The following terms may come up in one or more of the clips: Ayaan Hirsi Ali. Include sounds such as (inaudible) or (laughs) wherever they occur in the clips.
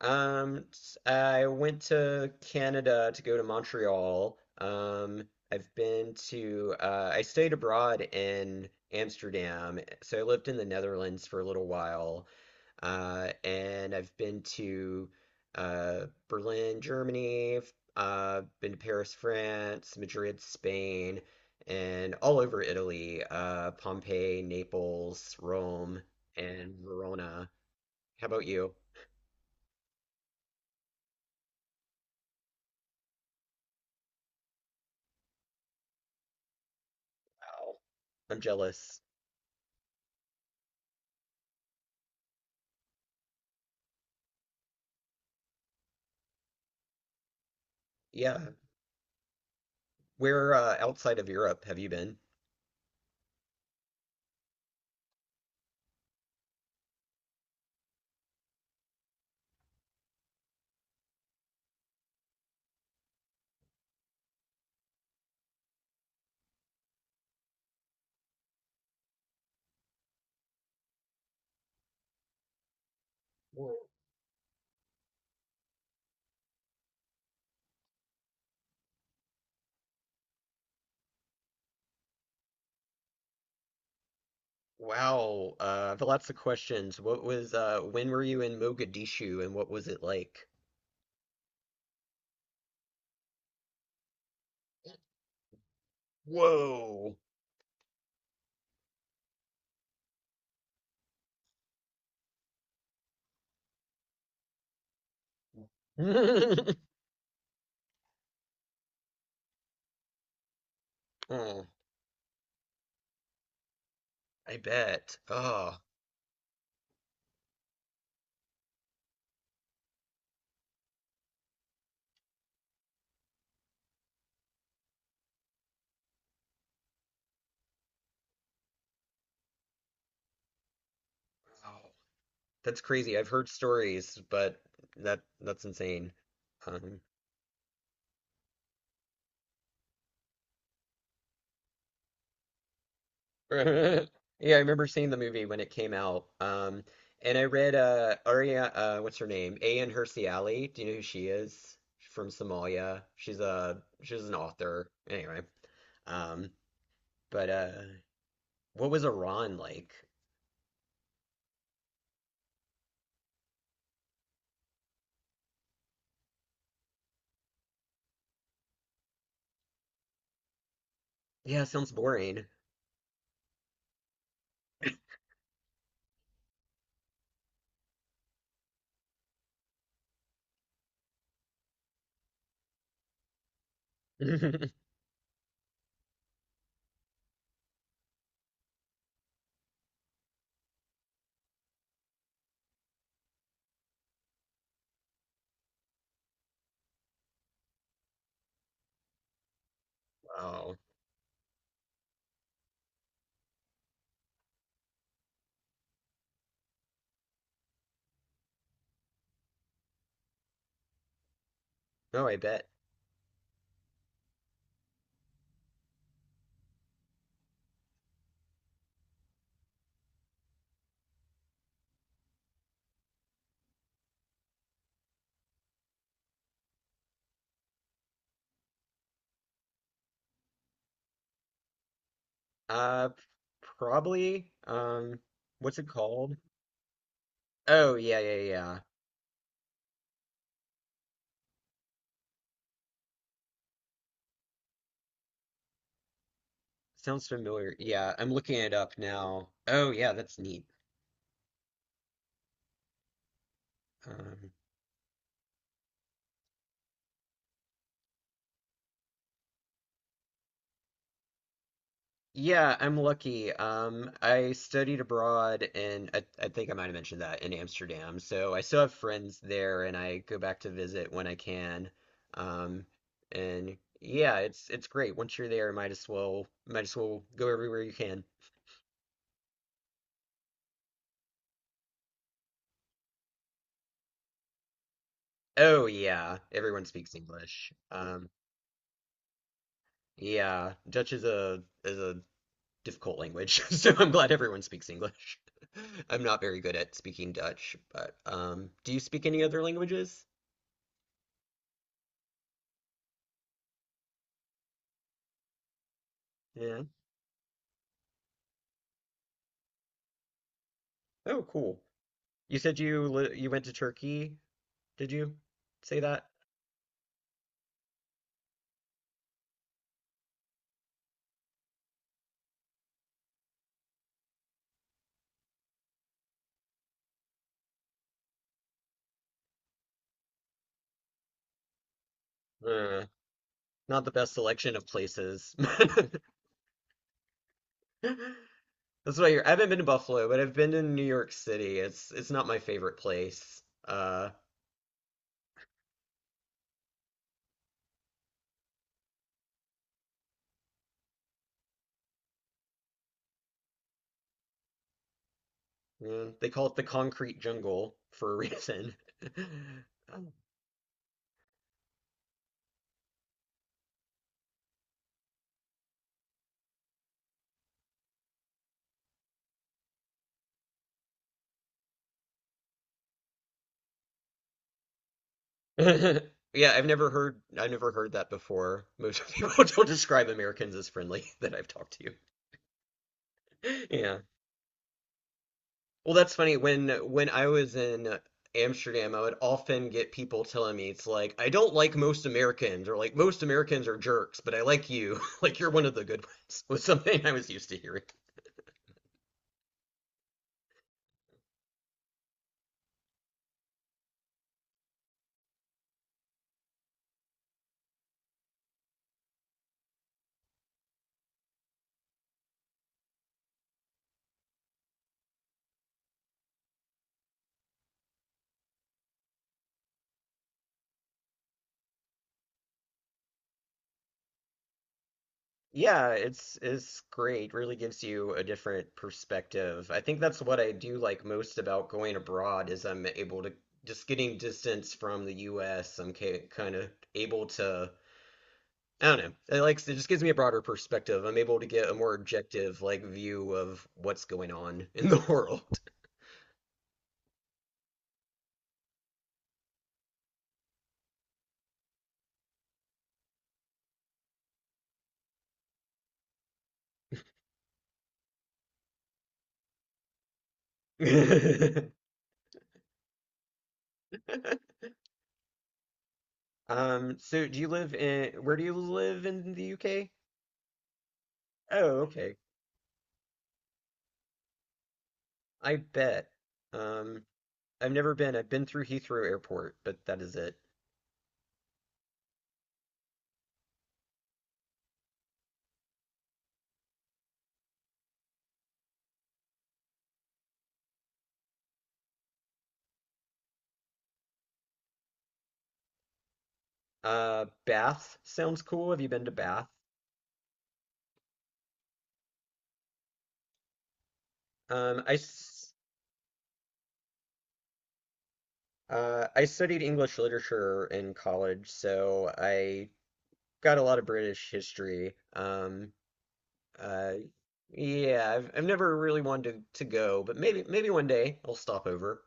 I went to Canada to go to Montreal. I've been to, I stayed abroad in Amsterdam. So I lived in the Netherlands for a little while. And I've been to, Berlin, Germany, been to Paris, France, Madrid, Spain, and all over Italy, Pompeii, Naples, Rome, and Verona. How about you? Wow. I'm jealous. Yeah. Where outside of Europe have you been? Whoa. Wow. I've lots of questions. What was when were you in Mogadishu and what was it like? Whoa. (laughs) Oh, I bet. Oh, wow. That's crazy. I've heard stories, but that's insane. Um, (laughs) Yeah, I remember seeing the movie when it came out. And I read Aria what's her name? Ayaan Hirsi Ali. Do you know who she is? She's from Somalia. She's an author. Anyway. Um, but what was Iran like? Yeah, sounds boring. (laughs) Wow. Oh, I bet. Uh Probably what's it called? Oh, yeah, yeah, yeah. Sounds familiar. Yeah, I'm looking it up now. Oh, yeah, that's neat. Um. Yeah, I'm lucky. I studied abroad and I think I might have mentioned that in Amsterdam. So I still have friends there and I go back to visit when I can. Um, and yeah, it's great. Once you're there, might as well go everywhere you can. Oh yeah, everyone speaks English. Yeah, Dutch is a difficult language, (laughs) so I'm glad everyone speaks English. (laughs) I'm not very good at speaking Dutch, but do you speak any other languages? Yeah. Oh, cool. You went to Turkey, did you say that? Uh, not the best selection of places. (laughs) That's why you're, I haven't been to Buffalo, but I've been to New York City. It's not my favorite place. Uh, yeah, they call it the concrete jungle for a reason. (laughs) Yeah, I've never heard that before. Most (laughs) people don't describe Americans as friendly (laughs) that I've talked to. (laughs) Yeah. Well, that's funny. When I was in Amsterdam, I would often get people telling me it's like, I don't like most Americans, or like most Americans are jerks, but I like you. (laughs) Like you're one of the good ones, (laughs) was something I was used to hearing. Yeah, it's great. Really gives you a different perspective. I think that's what I do like most about going abroad is I'm able to just getting distance from the US. Kind of able to I don't know. It, like, it just gives me a broader perspective. I'm able to get a more objective, like, view of what's going on in the world. (laughs) So do where do you live in the UK? Oh, okay. I bet. Um, I've never been. I've been through Heathrow Airport, but that is it. Bath sounds cool. Have you been to Bath? Um, I, s- I studied English literature in college, so I got a lot of British history. Uh, yeah, I've never really wanted to go, but maybe one day I'll stop over.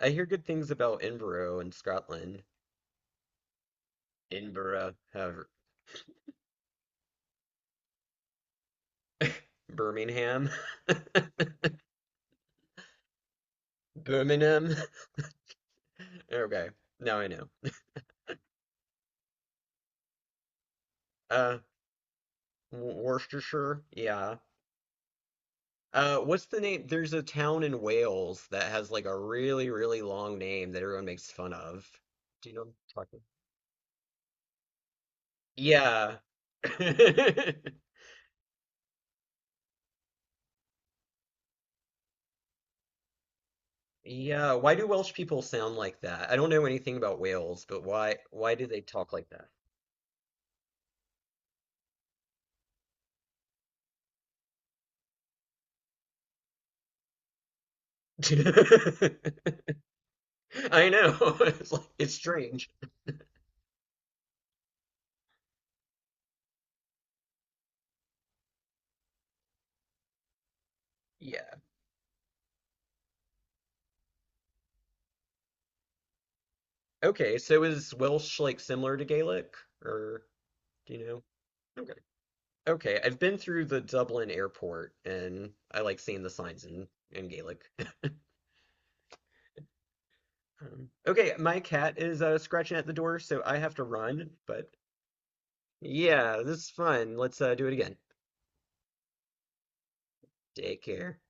I hear good things about Edinburgh in Scotland. Edinburgh, however, Birmingham, (laughs) Birmingham. (laughs) Okay, now I know. Uh, W- Worcestershire, yeah. What's the name? There's a town in Wales that has like a really long name that everyone makes fun of. Do you know what I'm talking? Yeah. (laughs) Yeah, why do Welsh people sound like that? I don't know anything about Wales, but why do they talk like that? (laughs) I know. (laughs) It's like it's strange. Yeah. Okay, so is Welsh like similar to Gaelic or do you know? Okay. Okay, I've been through the Dublin airport and I like seeing the signs in Gaelic. (laughs) Okay, my cat is scratching at the door, so I have to run, but yeah, this is fun. Let's do it again. Take care.